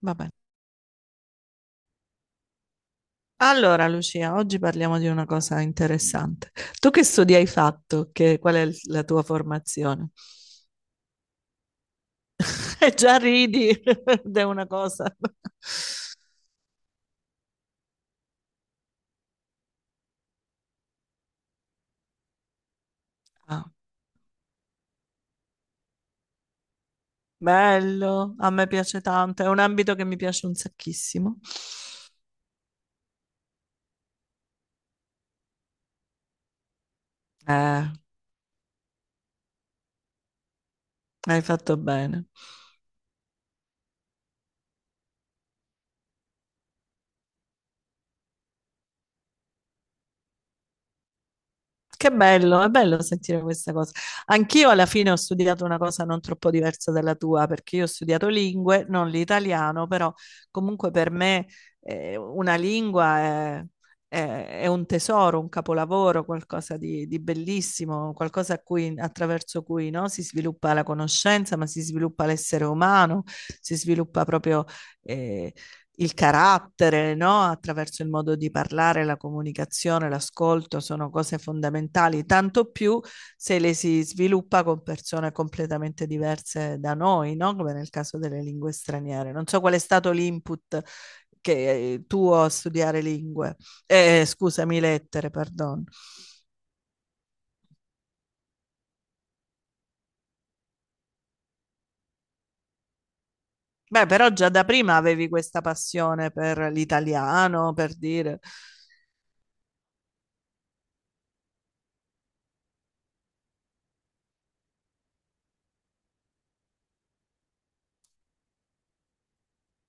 Vabbè. Allora, Lucia, oggi parliamo di una cosa interessante. Tu che studi hai fatto? Qual è la tua formazione? E già ridi ed è una cosa. Ah, bello, a me piace tanto, è un ambito che mi piace un sacchissimo. Eh, hai fatto bene. Che bello, è bello sentire questa cosa. Anch'io alla fine ho studiato una cosa non troppo diversa dalla tua, perché io ho studiato lingue, non l'italiano, però comunque per me una lingua è un tesoro, un capolavoro, qualcosa di bellissimo, qualcosa attraverso cui no, si sviluppa la conoscenza, ma si sviluppa l'essere umano, si sviluppa proprio eh, il carattere, no? Attraverso il modo di parlare, la comunicazione, l'ascolto sono cose fondamentali, tanto più se le si sviluppa con persone completamente diverse da noi, no? Come nel caso delle lingue straniere. Non so qual è stato l'input che tuo a studiare lingue, scusami, lettere, perdono. Beh, però già da prima avevi questa passione per l'italiano, per dire,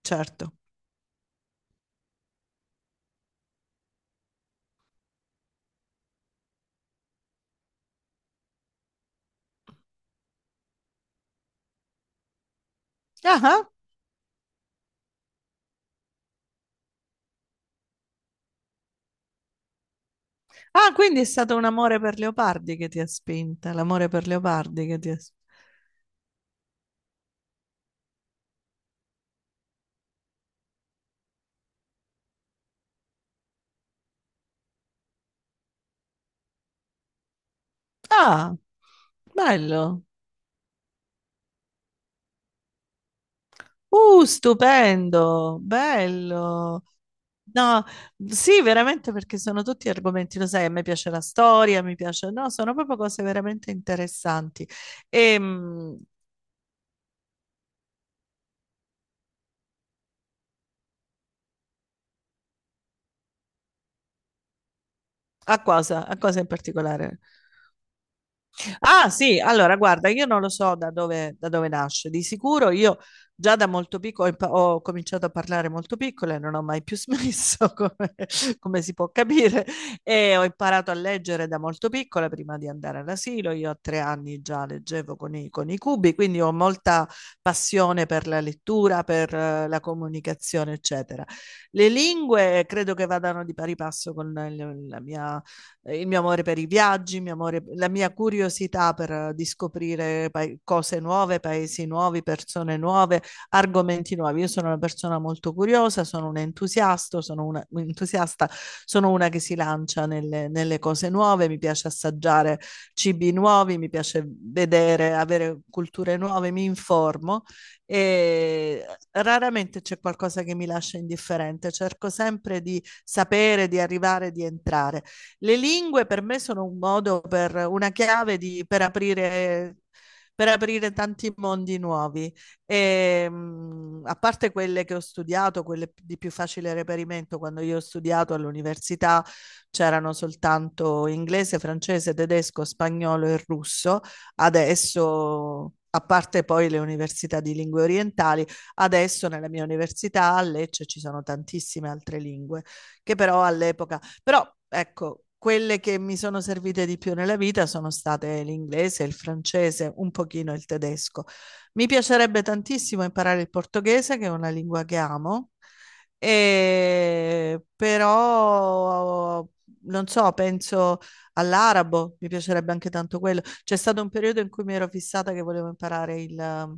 certo. Ah, Ah, quindi è stato un amore per Leopardi che ti ha spinta, l'amore per Leopardi che ti ha spinta. Ah, bello. Stupendo, bello. No, sì, veramente perché sono tutti argomenti, lo sai, a me piace la storia, mi piace, no, sono proprio cose veramente interessanti. E, mh, a cosa in particolare? Ah, sì, allora guarda, io non lo so da dove nasce. Di sicuro io già da molto piccolo ho cominciato a parlare molto piccola e non ho mai più smesso, come si può capire. E ho imparato a leggere da molto piccola prima di andare all'asilo. Io a tre anni già leggevo con i cubi, quindi ho molta passione per la lettura, per la comunicazione, eccetera. Le lingue credo che vadano di pari passo con la mia il mio amore per i viaggi, la mia curiosità per di scoprire cose nuove, paesi nuovi, persone nuove, argomenti nuovi. Io sono una persona molto curiosa, sono un entusiasta, sono una, un entusiasta, sono una che si lancia nelle cose nuove, mi piace assaggiare cibi nuovi, mi piace vedere, avere culture nuove, mi informo e raramente c'è qualcosa che mi lascia indifferente, cerco sempre di sapere, di arrivare, di entrare. Le lingue per me sono un modo per una chiave per aprire tanti mondi nuovi. A parte quelle che ho studiato, quelle di più facile reperimento, quando io ho studiato all'università c'erano soltanto inglese, francese, tedesco, spagnolo e russo. Adesso, a parte poi le università di lingue orientali, adesso nella mia università a Lecce ci sono tantissime altre lingue che però all'epoca però ecco, quelle che mi sono servite di più nella vita sono state l'inglese, il francese, un pochino il tedesco. Mi piacerebbe tantissimo imparare il portoghese, che è una lingua che amo, e però non so, penso all'arabo, mi piacerebbe anche tanto quello. C'è stato un periodo in cui mi ero fissata che volevo imparare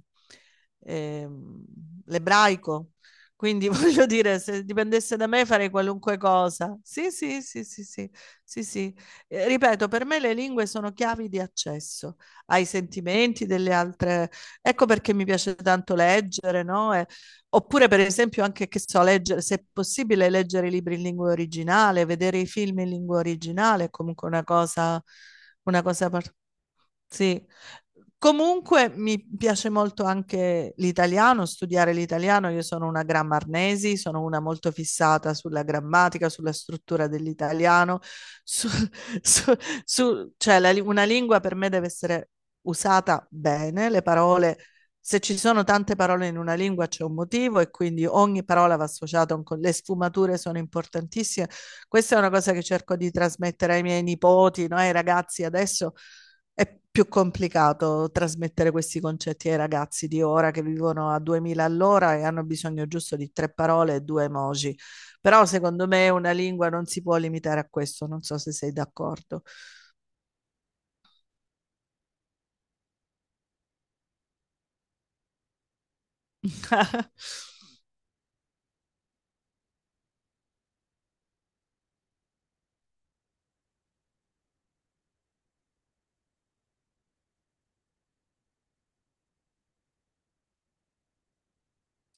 ehm, l'ebraico, quindi voglio dire, se dipendesse da me farei qualunque cosa. Sì, sì, sì, sì, sì, sì, sì. Ripeto, per me le lingue sono chiavi di accesso ai sentimenti delle altre. Ecco perché mi piace tanto leggere, no? Oppure, per esempio, anche che so, leggere, se è possibile, leggere i libri in lingua originale, vedere i film in lingua originale è comunque una cosa, una cosa par- sì. Comunque mi piace molto anche l'italiano, studiare l'italiano. Io sono una grammarnesi, sono una molto fissata sulla grammatica, sulla struttura dell'italiano. su- su- cioè una lingua per me deve essere usata bene, le parole, se ci sono tante parole in una lingua c'è un motivo e quindi ogni parola va associata a un. Le sfumature sono importantissime. Questa è una cosa che cerco di trasmettere ai miei nipoti, no? Ai ragazzi adesso è più complicato trasmettere questi concetti ai ragazzi di ora che vivono a 2000 all'ora e hanno bisogno giusto di tre parole e due emoji. Però secondo me una lingua non si può limitare a questo, non so se sei d'accordo.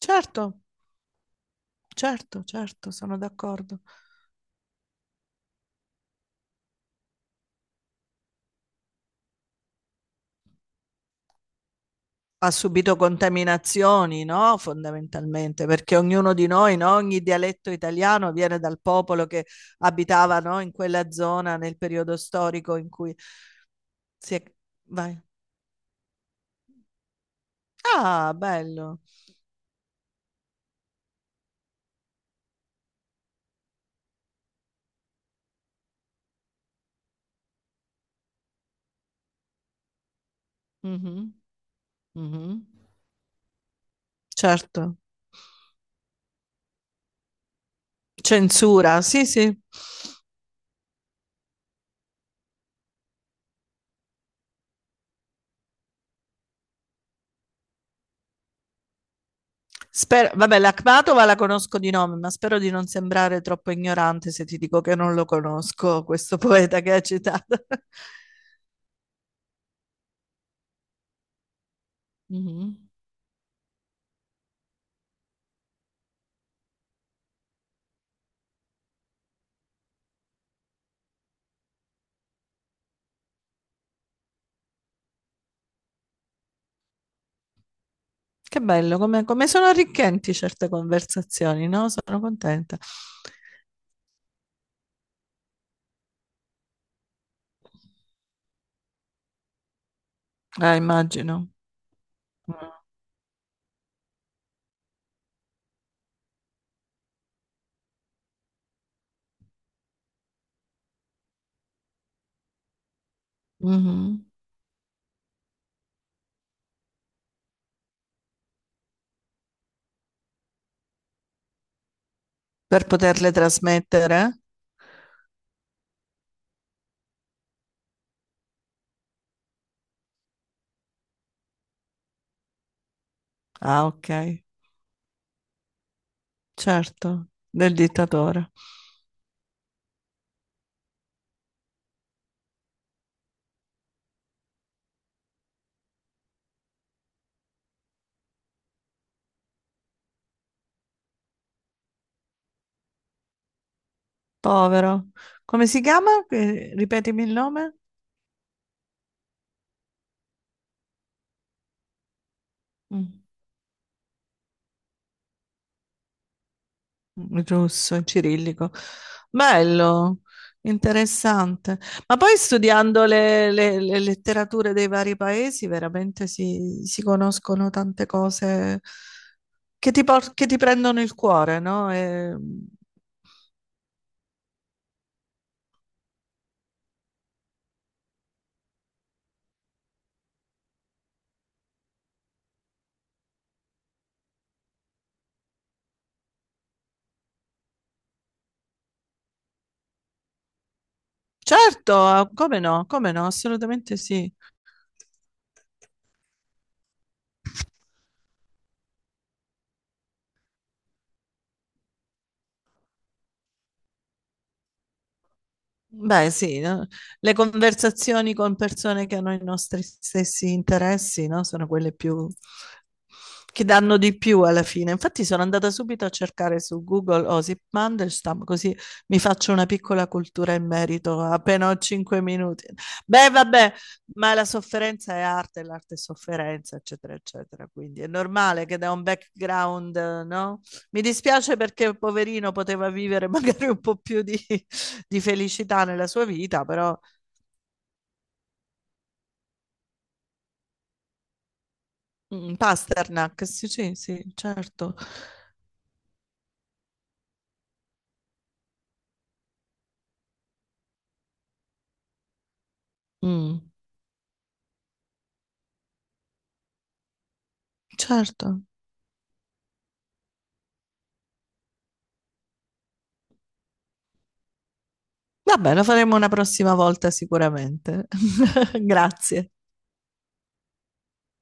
Certo, certo, certo, sono d'accordo. Ha subito contaminazioni, no? Fondamentalmente, perché ognuno di noi, no? Ogni dialetto italiano viene dal popolo che abitava, no? In quella zona nel periodo storico in cui sì, vai. Ah, bello. Mhm, mhm. Certo. Censura, sì, sì. Spero, vabbè, l'Akhmatova la conosco di nome, ma spero di non sembrare troppo ignorante se ti dico che non lo conosco, questo poeta che hai citato. Mhm. Che bello, come sono arricchenti certe conversazioni, no? Sono contenta. Ah, immagino. Mhm. Per poterle trasmettere? Ah, ok. Certo, del dittatore. Povero. Come si chiama? Ripetimi il nome? Mm, russo, cirillico. Bello, interessante. Ma poi studiando le letterature dei vari paesi, veramente si conoscono tante cose che ti prendono il cuore, no? Certo, ah, come no, come no, assolutamente sì. Beh, sì, no? Le conversazioni con persone che hanno i nostri stessi interessi, no? Sono quelle più che danno di più alla fine. Infatti sono andata subito a cercare su Google Osip Mandelstam, così mi faccio una piccola cultura in merito, appena ho cinque minuti. Beh, vabbè, ma la sofferenza è arte, l'arte è sofferenza, eccetera, eccetera. Quindi è normale che da un background, no? Mi dispiace perché poverino poteva vivere magari un po' più di felicità nella sua vita, però mm, Pasternak, sì, sì, sì, certo. Mm, certo. Va bene, lo faremo una prossima volta sicuramente. Grazie.